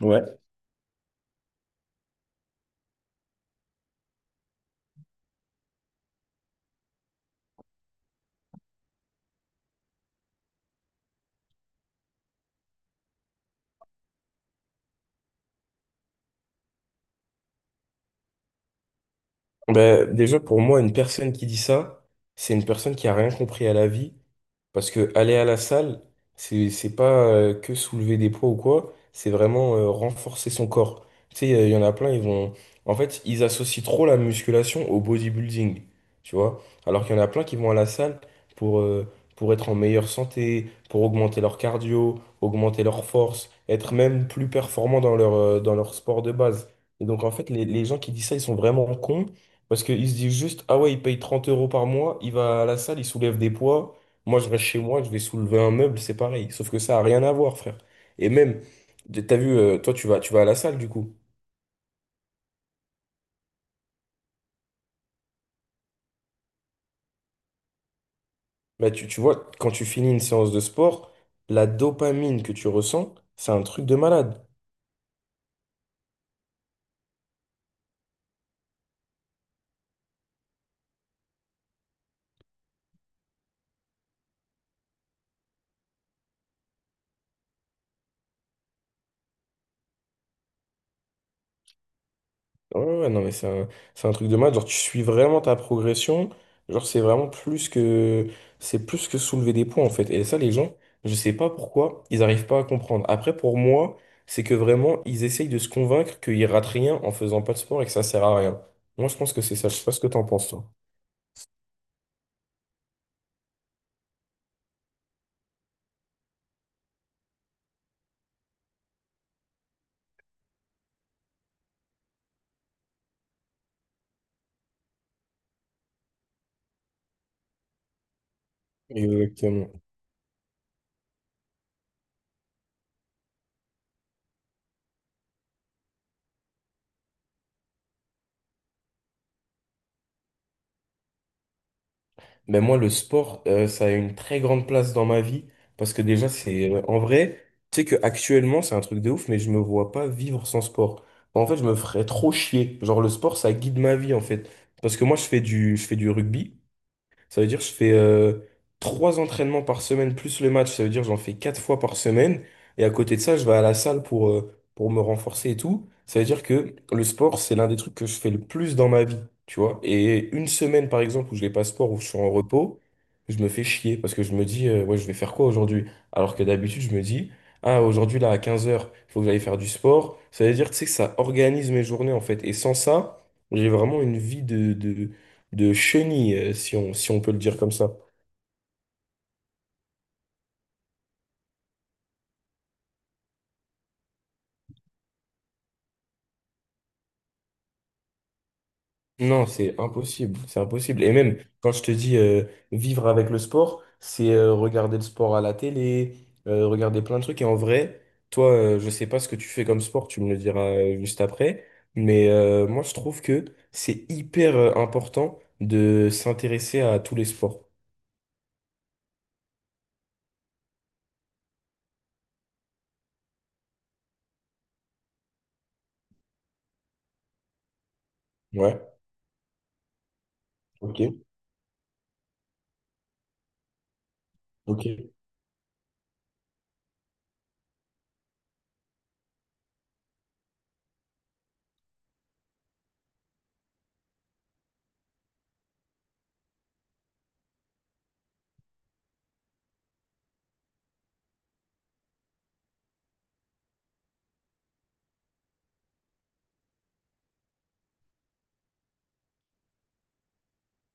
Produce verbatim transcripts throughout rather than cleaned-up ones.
Ouais. Ben, déjà, pour moi, une personne qui dit ça, c'est une personne qui a rien compris à la vie. Parce que aller à la salle, c'est c'est pas euh, que soulever des poids ou quoi, c'est vraiment euh, renforcer son corps. Tu sais, il y en a plein, ils vont. En fait, ils associent trop la musculation au bodybuilding, tu vois. Alors qu'il y en a plein qui vont à la salle pour, euh, pour être en meilleure santé, pour augmenter leur cardio, augmenter leur force, être même plus performants dans leur, euh, dans leur sport de base. Et donc, en fait, les, les gens qui disent ça, ils sont vraiment cons parce qu'ils se disent juste, ah ouais, il paye trente euros par mois, il va à la salle, il soulève des poids. Moi, je reste chez moi, je vais soulever un meuble, c'est pareil. Sauf que ça a rien à voir, frère. Et même, t'as vu, euh, toi, tu vas, tu vas à la salle, du coup. Bah, tu, tu vois, quand tu finis une séance de sport, la dopamine que tu ressens, c'est un truc de malade. Ouais, ouais, ouais, non, mais c'est un, c'est un truc de malade. Genre, tu suis vraiment ta progression. Genre, c'est vraiment plus que, c'est plus que soulever des poids, en fait. Et ça, les gens, je sais pas pourquoi, ils arrivent pas à comprendre. Après, pour moi, c'est que vraiment, ils essayent de se convaincre qu'ils ratent rien en faisant pas de sport et que ça sert à rien. Moi, je pense que c'est ça. Je sais pas ce que t'en penses, toi. Exactement. Mais moi, le sport, euh, ça a une très grande place dans ma vie parce que déjà, c'est euh, en vrai, tu sais que actuellement, c'est un truc de ouf, mais je me vois pas vivre sans sport. En fait, je me ferais trop chier. Genre, le sport, ça guide ma vie en fait. Parce que moi, je fais du, je fais du rugby. Ça veut dire que je fais euh, trois entraînements par semaine plus le match. Ça veut dire que j'en fais quatre fois par semaine. Et à côté de ça, je vais à la salle pour, euh, pour me renforcer et tout. Ça veut dire que le sport, c'est l'un des trucs que je fais le plus dans ma vie, tu vois. Et une semaine, par exemple, où je n'ai pas sport, où je suis en repos, je me fais chier parce que je me dis, euh, ouais, je vais faire quoi aujourd'hui? Alors que d'habitude, je me dis, ah, aujourd'hui, là, à quinze heures il faut que j'aille faire du sport. Ça veut dire, tu sais, que ça organise mes journées, en fait. Et sans ça, j'ai vraiment une vie de de, de chenille, euh, si on, si on peut le dire comme ça. Non, c'est impossible, c'est impossible. Et même quand je te dis euh, vivre avec le sport, c'est euh, regarder le sport à la télé, euh, regarder plein de trucs. Et en vrai, toi, euh, je sais pas ce que tu fais comme sport, tu me le diras euh, juste après. Mais euh, moi, je trouve que c'est hyper euh, important de s'intéresser à tous les sports. Ouais, ok, ok.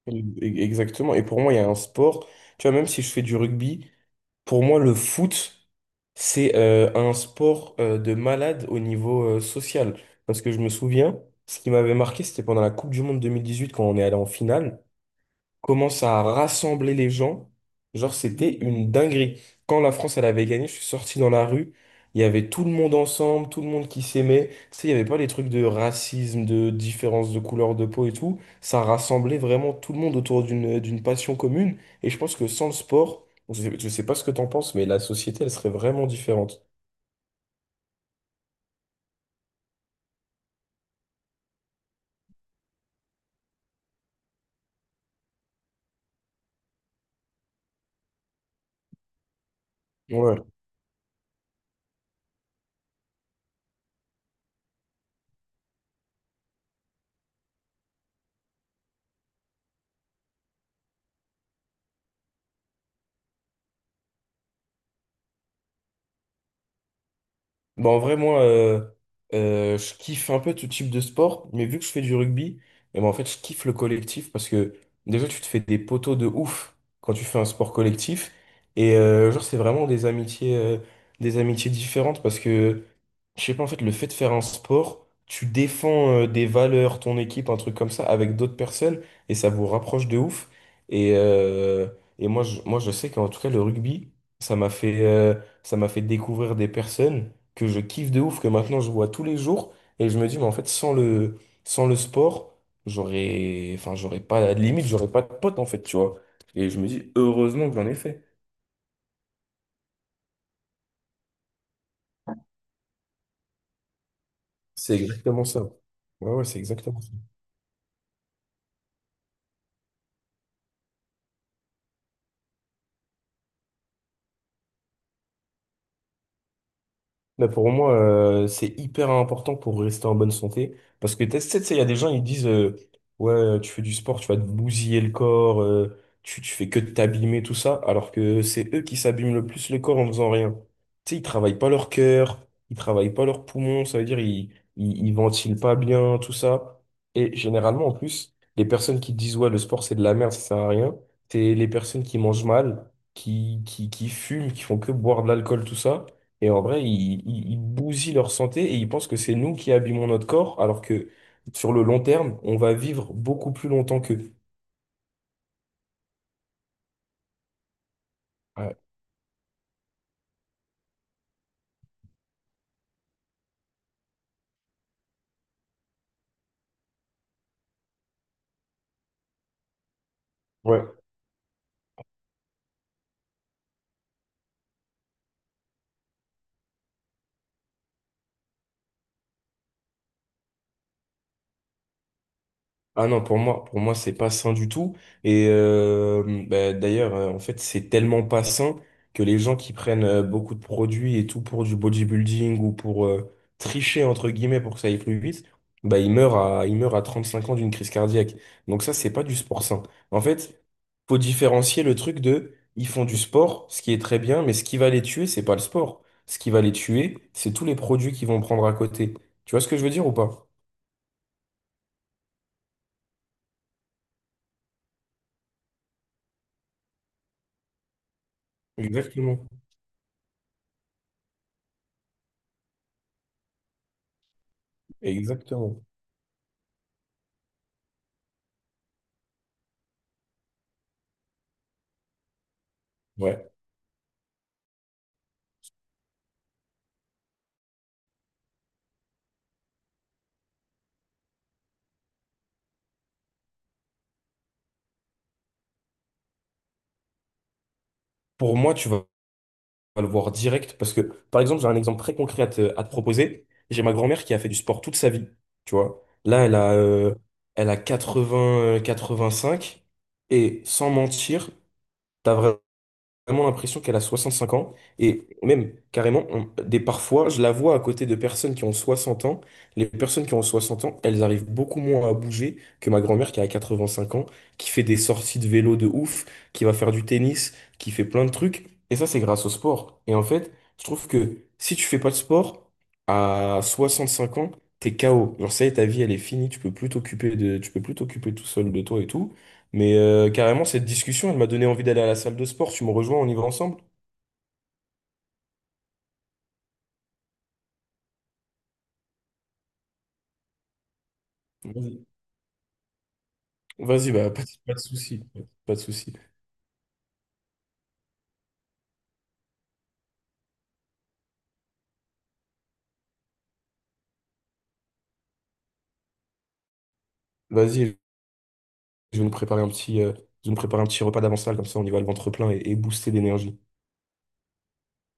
E- Exactement. Et pour moi, il y a un sport, tu vois, même si je fais du rugby. Pour moi, le foot, c'est euh, un sport euh, de malade au niveau euh, social. Parce que je me souviens, ce qui m'avait marqué, c'était pendant la Coupe du Monde deux mille dix-huit quand on est allé en finale commence à rassembler les gens. Genre, c'était une dinguerie. Quand la France, elle avait gagné, je suis sorti dans la rue. Il y avait tout le monde ensemble, tout le monde qui s'aimait. Tu sais, il n'y avait pas les trucs de racisme, de différence de couleur de peau et tout. Ça rassemblait vraiment tout le monde autour d'une d'une passion commune. Et je pense que sans le sport, je sais, je sais pas ce que t'en penses, mais la société, elle serait vraiment différente. Ouais. Bah, en vrai, moi, euh, euh, je kiffe un peu tout type de sport, mais vu que je fais du rugby, et ben en fait, je kiffe le collectif parce que déjà, tu te fais des poteaux de ouf quand tu fais un sport collectif. Et euh, genre, c'est vraiment des amitiés, euh, des amitiés différentes parce que je sais pas, en fait, le fait de faire un sport, tu défends euh, des valeurs, ton équipe, un truc comme ça, avec d'autres personnes, et ça vous rapproche de ouf. Et, euh, et moi, je, moi, je sais qu'en tout cas, le rugby, ça m'a fait, euh, ça m'a fait découvrir des personnes que je kiffe de ouf, que maintenant je vois tous les jours, et je me dis, mais en fait, sans le, sans le sport, j'aurais, enfin, j'aurais pas, limite, j'aurais pas de potes, en fait, tu vois. Et je me dis, heureusement que j'en ai fait. C'est exactement ça. Ouais, ouais, c'est exactement ça. Mais pour moi, euh, c'est hyper important pour rester en bonne santé. Parce que tu sais, tu sais, il y a des gens, ils disent euh, ouais, tu fais du sport, tu vas te bousiller le corps, euh, tu, tu fais que de t'abîmer, tout ça. Alors que c'est eux qui s'abîment le plus le corps en faisant rien. Tu sais, ils travaillent pas leur cœur, ils travaillent pas leurs poumons, ça veut dire ils, ils, ils ventilent pas bien, tout ça. Et généralement, en plus, les personnes qui disent ouais, le sport, c'est de la merde, ça sert à rien, c'est les personnes qui mangent mal, qui, qui, qui fument, qui font que boire de l'alcool, tout ça. Et en vrai, ils, ils- ils bousillent leur santé et ils pensent que c'est nous qui abîmons notre corps, alors que sur le long terme, on va vivre beaucoup plus longtemps qu'eux. Ouais. Ouais. Ah non, pour moi, pour moi, c'est pas sain du tout. Et euh, bah, d'ailleurs, euh, en fait, c'est tellement pas sain que les gens qui prennent euh, beaucoup de produits et tout pour du bodybuilding ou pour euh, tricher, entre guillemets, pour que ça aille plus vite, bah, ils meurent à, ils meurent à trente-cinq ans d'une crise cardiaque. Donc ça, c'est pas du sport sain. En fait, faut différencier le truc de, ils font du sport, ce qui est très bien, mais ce qui va les tuer, c'est pas le sport. Ce qui va les tuer, c'est tous les produits qu'ils vont prendre à côté. Tu vois ce que je veux dire ou pas? Exactement. Exactement. Ouais. Pour moi, tu vas le voir direct parce que, par exemple, j'ai un exemple très concret à te, à te proposer. J'ai ma grand-mère qui a fait du sport toute sa vie, tu vois. Là, elle a, euh, elle a quatre-vingts, euh, cinq et sans mentir, t'as vraiment l'impression qu'elle a soixante cinq ans. Et même, carrément, on- des parfois, je la vois à côté de personnes qui ont soixante ans. Les personnes qui ont soixante ans, elles arrivent beaucoup moins à bouger que ma grand-mère qui a quatre-vingt-cinq ans, qui fait des sorties de vélo de ouf, qui va faire du tennis, qui fait plein de trucs. Et ça, c'est grâce au sport. Et en fait, je trouve que si tu fais pas de sport, à soixante cinq ans, t'es K O. Genre, ça y est, ta vie, elle est finie, tu peux plus t'occuper de, tu peux plus t'occuper tout seul de toi et tout. Mais euh, carrément, cette discussion, elle m'a donné envie d'aller à la salle de sport. Tu me rejoins, on y va ensemble? Vas-y, Vas-y, bah, pas de, pas de souci. Pas de souci. Vas-y, je vais nous préparer un petit, euh, je vais nous préparer un petit repas d'avant-salle, comme ça on y va le ventre plein et, et booster d'énergie.